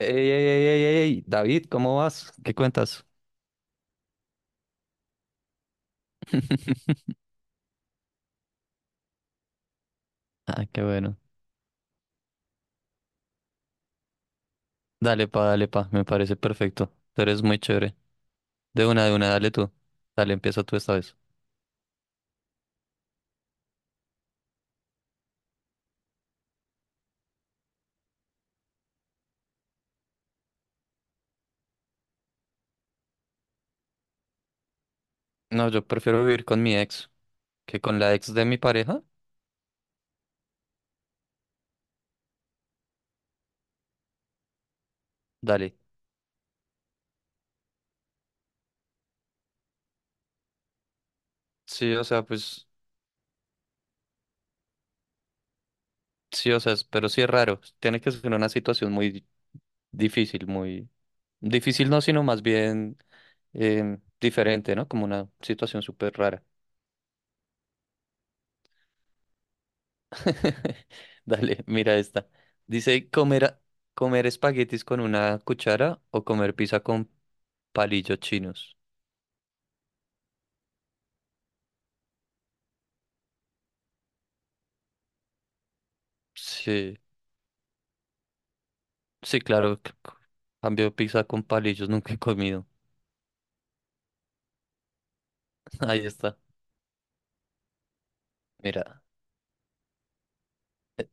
Ey, ey, ey, ey, ey, ey, David, ¿cómo vas? ¿Qué cuentas? Ah, qué bueno. Dale pa, me parece perfecto. Tú eres muy chévere. De una, dale tú. Dale, empieza tú esta vez. No, yo prefiero vivir con mi ex que con la ex de mi pareja. Dale. Sí, o sea, pues, sí, o sea, pero sí es raro. Tiene que ser una situación muy difícil no, sino más bien diferente, ¿no? Como una situación súper rara. Dale, mira esta. Dice comer, comer espaguetis con una cuchara o comer pizza con palillos chinos. Sí, sí, claro. Cambio pizza con palillos, nunca he comido. Ahí está. Mira. eh,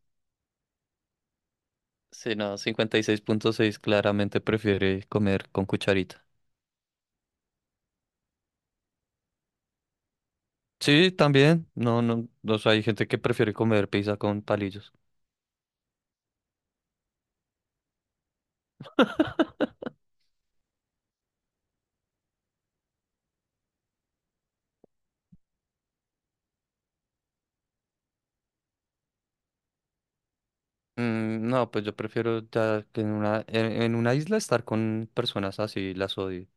Sí, no, 56,6, claramente prefiere comer con cucharita. Sí, también. No, no, no, o sea, hay gente que prefiere comer pizza con palillos. No, pues yo prefiero ya que en una, en una isla estar con personas así, las odio.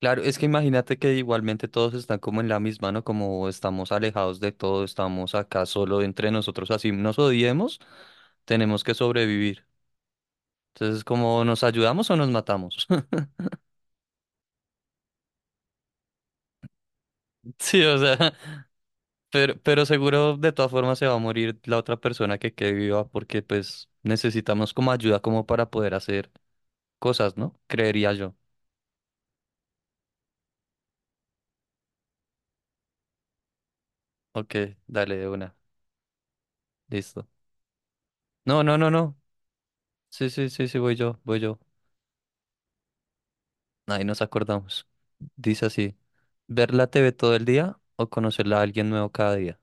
Claro, es que imagínate que igualmente todos están como en la misma, ¿no? Como estamos alejados de todo, estamos acá solo entre nosotros, así nos odiemos, tenemos que sobrevivir. Entonces, como nos ayudamos o nos matamos. Sí, o sea, pero seguro de todas formas se va a morir la otra persona que quede viva porque pues necesitamos como ayuda como para poder hacer cosas, ¿no? Creería yo. Ok, dale de una. Listo. No, no, no, no. Sí, sí, sí, sí, voy yo, voy yo. Ahí nos acordamos. Dice así. ¿Ver la TV todo el día o conocerla a alguien nuevo cada día?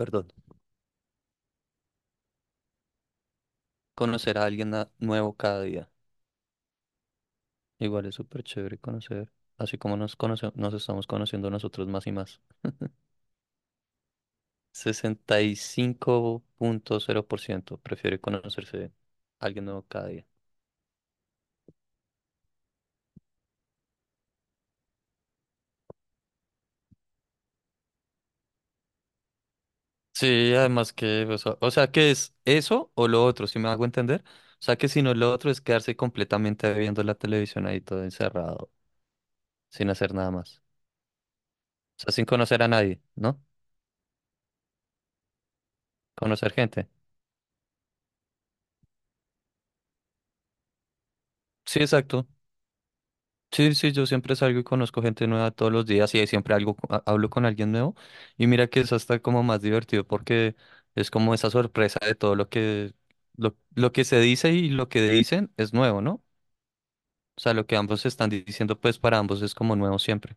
Perdón. Conocer a alguien nuevo cada día. Igual es súper chévere conocer, así como nos estamos conociendo nosotros más y más. 65,0% prefiere conocerse a alguien nuevo cada día. Sí, además que, o sea, que es eso o lo otro, si me hago entender. O sea, que si no, lo otro es quedarse completamente viendo la televisión ahí todo encerrado, sin hacer nada más. O sea, sin conocer a nadie, ¿no? Conocer gente. Sí, exacto. Sí, sí, yo siempre salgo y conozco gente nueva todos los días y ahí siempre algo, hablo con alguien nuevo. Y mira que es hasta como más divertido porque es como esa sorpresa de todo lo que se dice y lo que dicen es nuevo, ¿no? O sea, lo que ambos están diciendo, pues para ambos es como nuevo siempre.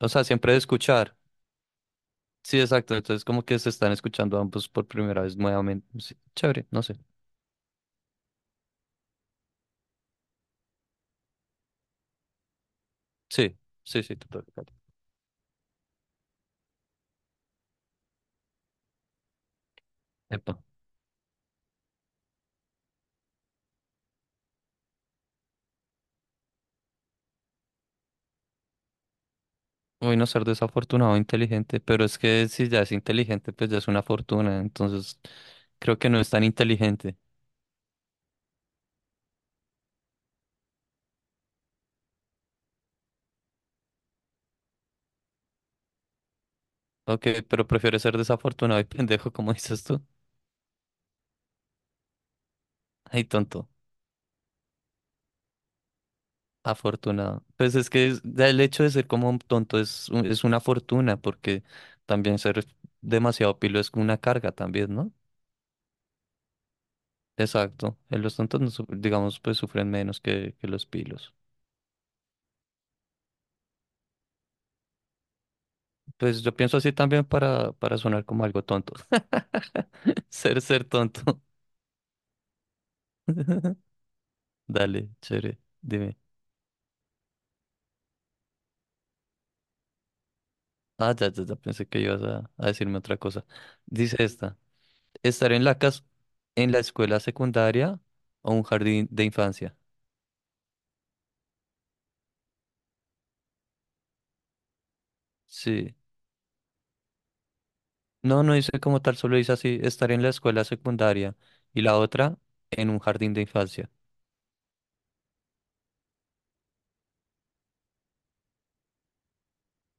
O sea, siempre de escuchar. Sí, exacto. Entonces como que se están escuchando ambos por primera vez nuevamente. Sí, chévere, no sé. Sí, sí, sí, total. Total. Epa. No ser desafortunado, inteligente, pero es que si ya es inteligente, pues ya es una fortuna, entonces creo que no es tan inteligente. Ok, pero prefiero ser desafortunado y pendejo, como dices tú. Ay, tonto, afortunado. Pues es que ya el hecho de ser como un tonto es una fortuna, porque también ser demasiado pilo es una carga también, ¿no? Exacto, los tontos, no su- digamos, pues sufren menos que los pilos. Pues yo pienso así también para sonar como algo tonto. Ser tonto. Dale, chévere, dime. Ah, ya, ya, ya, pensé que ibas a decirme otra cosa. Dice esta, estar en la casa, en la escuela secundaria o un jardín de infancia. Sí. No, no dice como tal, solo dice así, estar en la escuela secundaria y la otra en un jardín de infancia.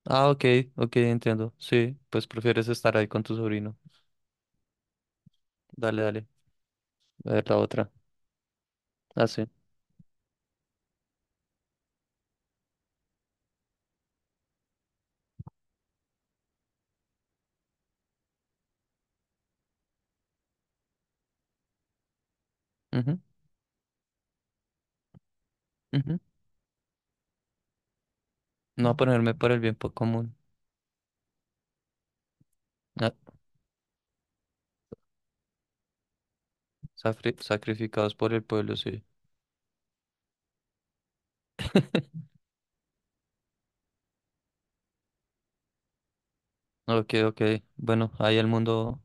Ah, ok, ok, entiendo. Sí, pues prefieres estar ahí con tu sobrino. Dale, dale. A ver la otra. Ah, sí. Ujú, ujú. No ponerme por el común. Ah, sacrificados por el pueblo, sí. Ok, ok. Bueno, ahí el mundo,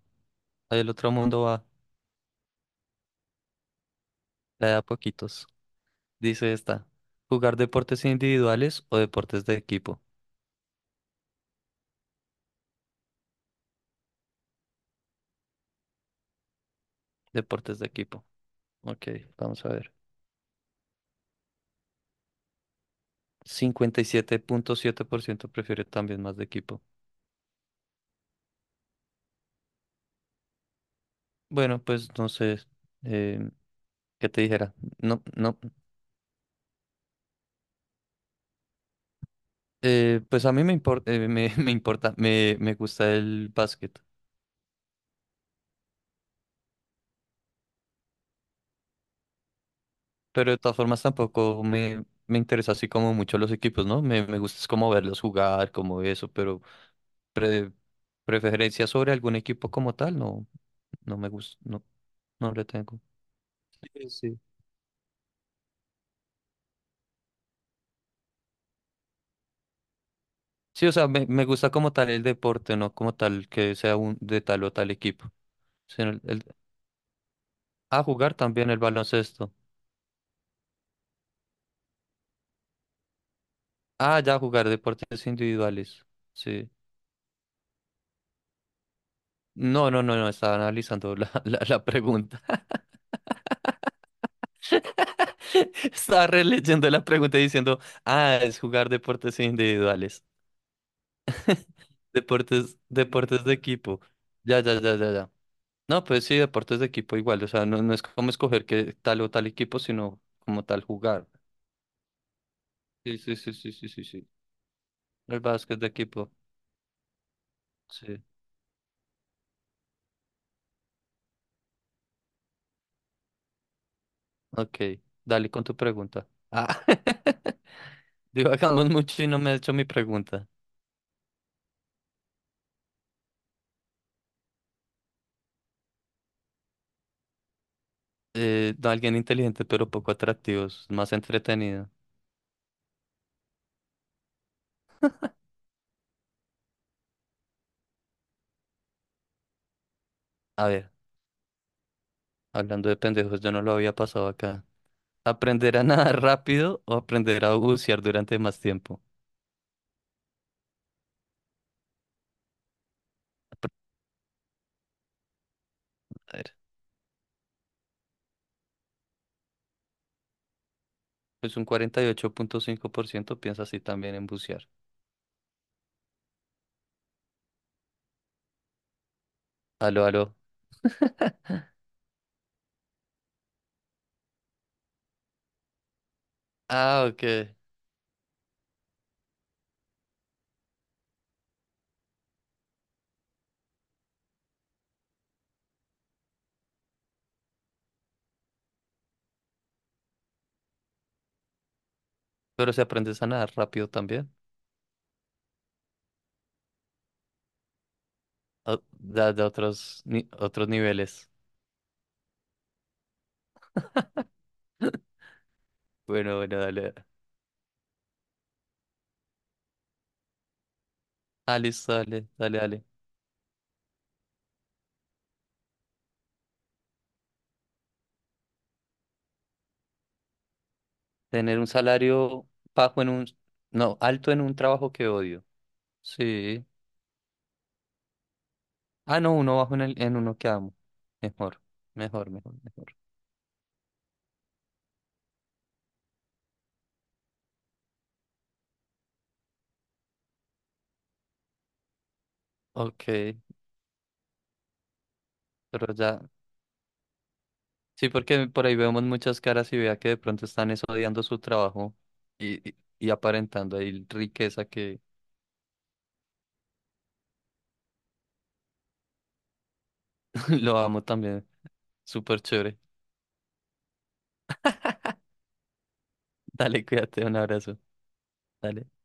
ahí el otro mundo va, la de a poquitos. Dice esta, jugar deportes individuales o deportes de equipo. Deportes de equipo. Ok, vamos a ver. 57,7% prefiere también más de equipo. Bueno, pues no sé, eh, ¿qué te dijera? No, no, pues a mí me gusta el básquet, pero de todas formas tampoco me interesa así como mucho los equipos, ¿no? Me gusta es como verlos jugar, como eso, pero pre- preferencia sobre algún equipo como tal, no, no me gusta, no, no le tengo. Sí, sí. Sí, o sea, me gusta como tal el deporte, no como tal que sea un de tal o tal equipo. Sino ah, jugar también el baloncesto. Ah, ya jugar deportes individuales. Sí. No, no, no, no, estaba analizando la pregunta. Estaba releyendo la pregunta y diciendo, ah, es jugar deportes individuales. Deportes de equipo. Ya, ya, ya, ya, ya. No, pues sí, deportes de equipo igual, o sea, no, no es como escoger que tal o tal equipo, sino como tal jugar. Sí, sí, sí, sí, sí, sí, sí. El básquet de equipo, sí. Ok, dale con tu pregunta. Ah, divagamos mucho y no me ha hecho mi pregunta. No, alguien inteligente pero poco atractivo, es más entretenido. A ver, hablando de pendejos, yo no lo había pasado acá. ¿Aprender a nadar rápido o aprender a bucear durante más tiempo? A ver, pues un 48,5% piensa así también en bucear. Aló, aló. Ah, ok. Pero se aprende a nadar rápido también. Da, da otros, otros niveles. Bueno, bueno, dale. Ah, listo, dale, dale, dale. Tener un salario bajo en un... No, alto en un trabajo que odio. Sí. Ah, no, uno bajo en uno que amo. Mejor, mejor, mejor, mejor. Ok, pero ya... Sí, porque por ahí vemos muchas caras y vea que de pronto están es odiando su trabajo y aparentando ahí riqueza que lo amo también. Súper chévere. Dale, cuídate, un abrazo. Dale.